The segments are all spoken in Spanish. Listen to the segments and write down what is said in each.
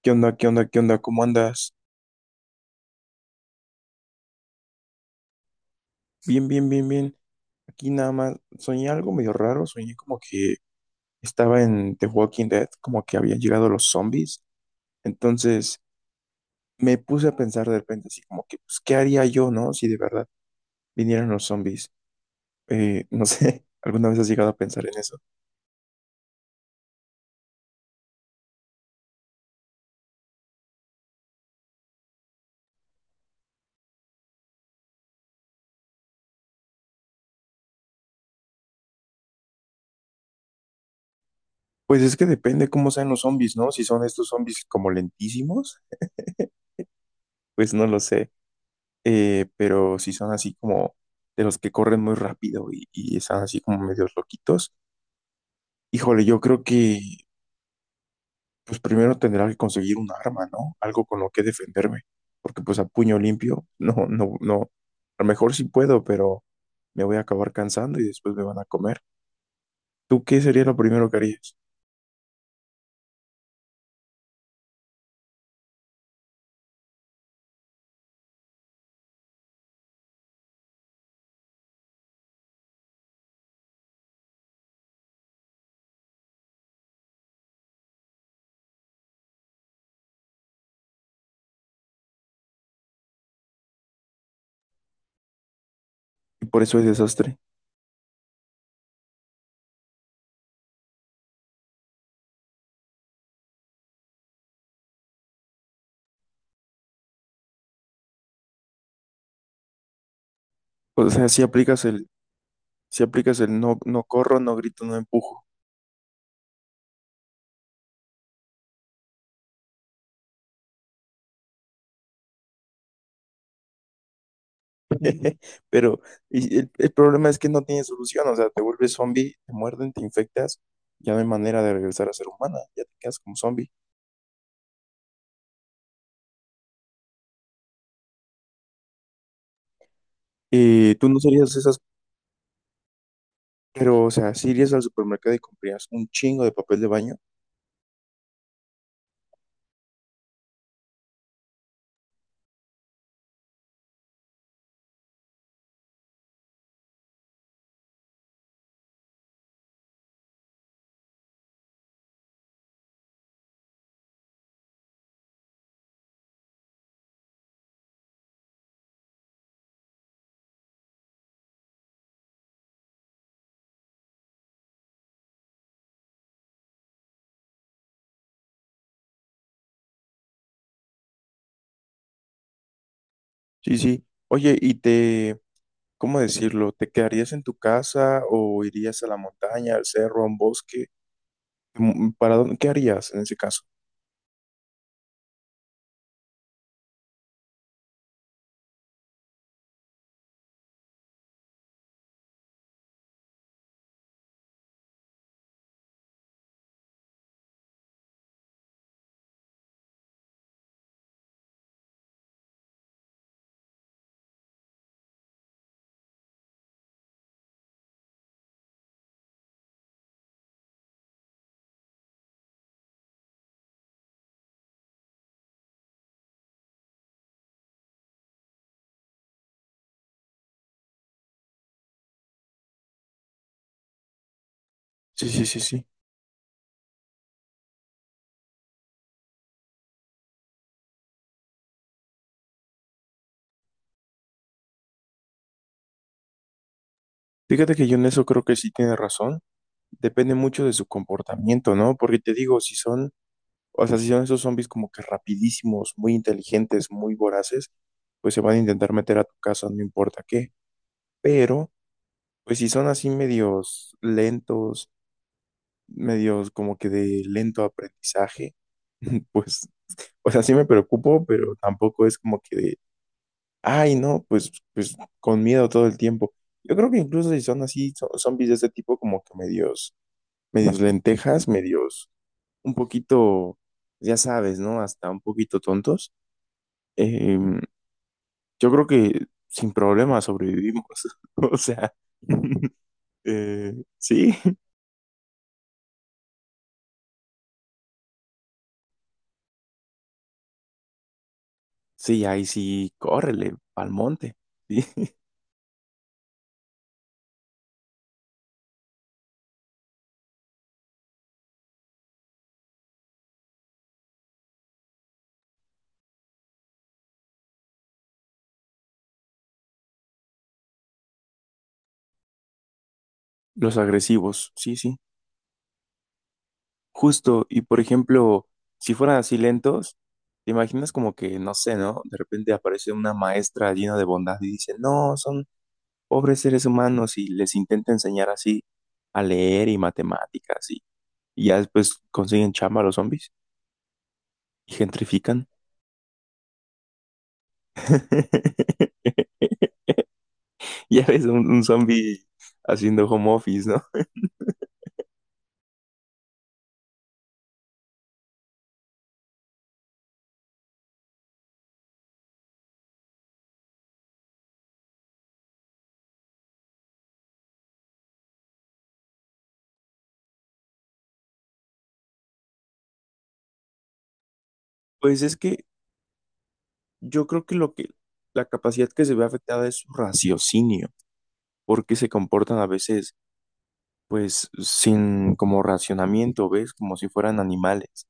¿Qué onda? ¿Qué onda? ¿Qué onda? ¿Cómo andas? Bien, bien, bien, bien. Aquí nada más soñé algo medio raro. Soñé como que estaba en The Walking Dead, como que habían llegado los zombies. Entonces me puse a pensar de repente, así como que, pues, ¿qué haría yo, no? Si de verdad vinieran los zombies. No sé, ¿alguna vez has llegado a pensar en eso? Pues es que depende cómo sean los zombies, ¿no? Si son estos zombies como lentísimos, pues no lo sé. Pero si son así como de los que corren muy rápido y están así como medios loquitos. Híjole, yo creo que pues primero tendrá que conseguir un arma, ¿no? Algo con lo que defenderme, porque pues a puño limpio, no, no, no. A lo mejor sí puedo, pero me voy a acabar cansando y después me van a comer. ¿Tú qué sería lo primero que harías? Y por eso es desastre. O sea, si aplicas el no, no corro, no grito, no empujo. Pero y el problema es que no tiene solución, o sea, te vuelves zombie, te muerden, te infectas, ya no hay manera de regresar a ser humana, ya te quedas como zombie. ¿Tú no serías esas? Pero, o sea, si irías al supermercado y comprarías un chingo de papel de baño. Sí, sí. Oye, y te, ¿cómo decirlo? ¿Te quedarías en tu casa o irías a la montaña, al cerro, a un bosque? ¿Para dónde? ¿Qué harías en ese caso? Sí, sí, sí, sí. Fíjate que yo en eso creo que sí tiene razón. Depende mucho de su comportamiento, ¿no? Porque te digo, si son, o sea, si son esos zombies como que rapidísimos, muy inteligentes, muy voraces, pues se van a intentar meter a tu casa, no importa qué. Pero pues si son así medios lentos, medios como que de lento aprendizaje, pues, o sea, sí me preocupo, pero tampoco es como que de, ay, no, pues con miedo todo el tiempo. Yo creo que incluso si son así, son zombies de este tipo como que medios, medios lentejas, medios un poquito, ya sabes, ¿no? Hasta un poquito tontos. em, yo creo que sin problema sobrevivimos. O sea, sí. Sí, ahí sí, córrele, al monte. Sí, los agresivos, sí, sí. Justo, y por ejemplo, si fueran así lentos, te imaginas como que, no sé, ¿no? De repente aparece una maestra llena de bondad y dice, no, son pobres seres humanos y les intenta enseñar así a leer y matemáticas y ya después consiguen chamba los zombies y gentrifican. Ya ves un zombie haciendo home office, ¿no? Pues es que yo creo que lo que la capacidad que se ve afectada es su raciocinio, porque se comportan a veces, pues, sin como racionamiento, ¿ves? Como si fueran animales,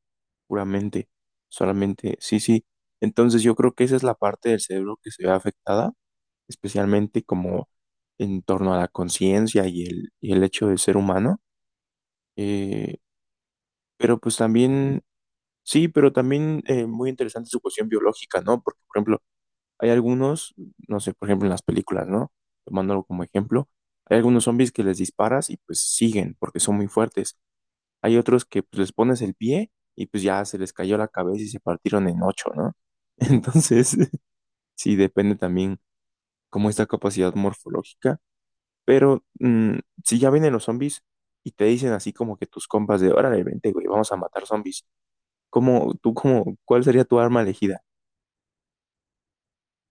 puramente, solamente, sí, sí. Entonces yo creo que esa es la parte del cerebro que se ve afectada, especialmente como en torno a la conciencia y el hecho de ser humano. Eh, pero pues también, sí, pero también muy interesante su cuestión biológica, ¿no? Porque, por ejemplo, hay algunos, no sé, por ejemplo en las películas, ¿no? Tomándolo como ejemplo, hay algunos zombies que les disparas y pues siguen porque son muy fuertes. Hay otros que pues les pones el pie y pues ya se les cayó la cabeza y se partieron en ocho, ¿no? Entonces, sí, depende también como esta capacidad morfológica. Pero si ya vienen los zombies y te dicen así como que tus compas de, órale, vente, güey, vamos a matar zombies. ¿Cómo, tú, cómo, cuál sería tu arma elegida?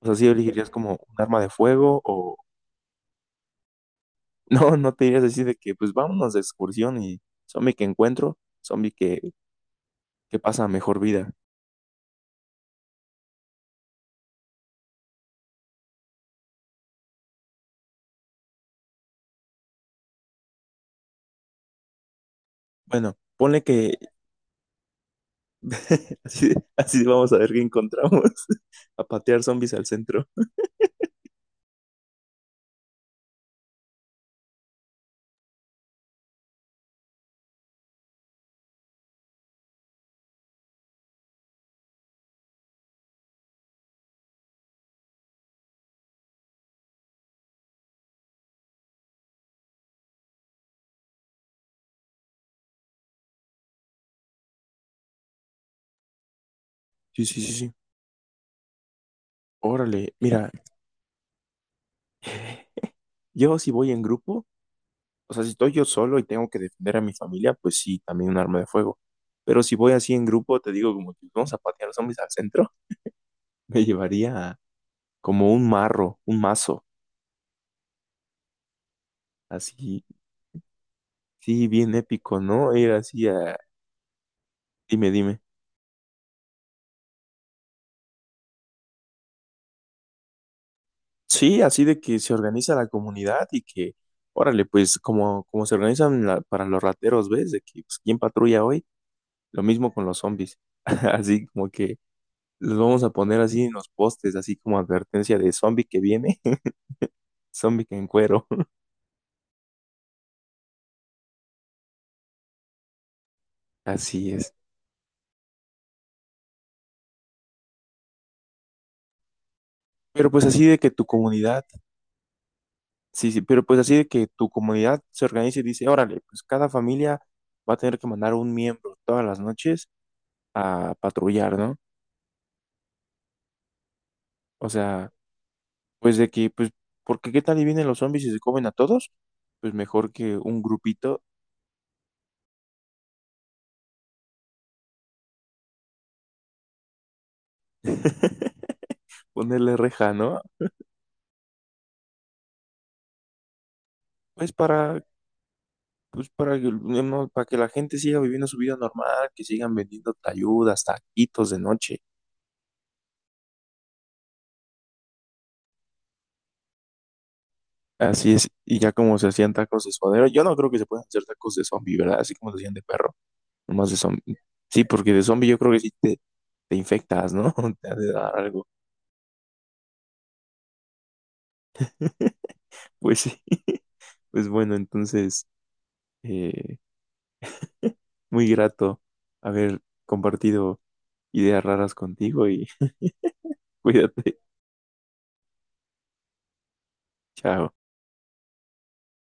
O sea, ¿si elegirías como un arma de fuego o? No, no te dirías así de que, pues vámonos de excursión y zombie que encuentro, zombie que pasa a mejor vida. Bueno, ponle que así, así de vamos a ver qué encontramos. A patear zombies al centro. Sí, sí, sí, sí. Órale, mira, yo si voy en grupo, o sea, si estoy yo solo y tengo que defender a mi familia, pues sí, también un arma de fuego. Pero si voy así en grupo, te digo como que vamos a patear zombies al centro, me llevaría como un marro, un mazo, así, sí, bien épico, ¿no? Ir así a... Dime, dime. Sí, así de que se organiza la comunidad y que, órale, pues como se organizan para los rateros, ¿ves? De que pues, quién patrulla hoy, lo mismo con los zombies. Así como que los vamos a poner así en los postes, así como advertencia de zombie que viene, zombie que en cuero. Así es. Pero pues así de que tu comunidad, sí, sí, pero pues así de que tu comunidad se organice y dice, órale, pues cada familia va a tener que mandar un miembro todas las noches a patrullar, ¿no? O sea... Pues de que, pues, ¿porque qué tal y vienen los zombies y se comen a todos? Pues mejor que un grupito, ponerle reja, ¿no? Pues para, pues para que, no, para que la gente siga viviendo su vida normal, que sigan vendiendo tayudas, taquitos de noche. Así es, y ya como se hacían tacos de suadero, yo no creo que se puedan hacer tacos de zombie, ¿verdad? Así como se hacían de perro, nomás de zombie. Sí, porque de zombie yo creo que sí te infectas, ¿no? Te ha de dar algo. Pues sí, pues bueno, entonces. eh, Muy grato haber compartido ideas raras contigo y cuídate. Chao.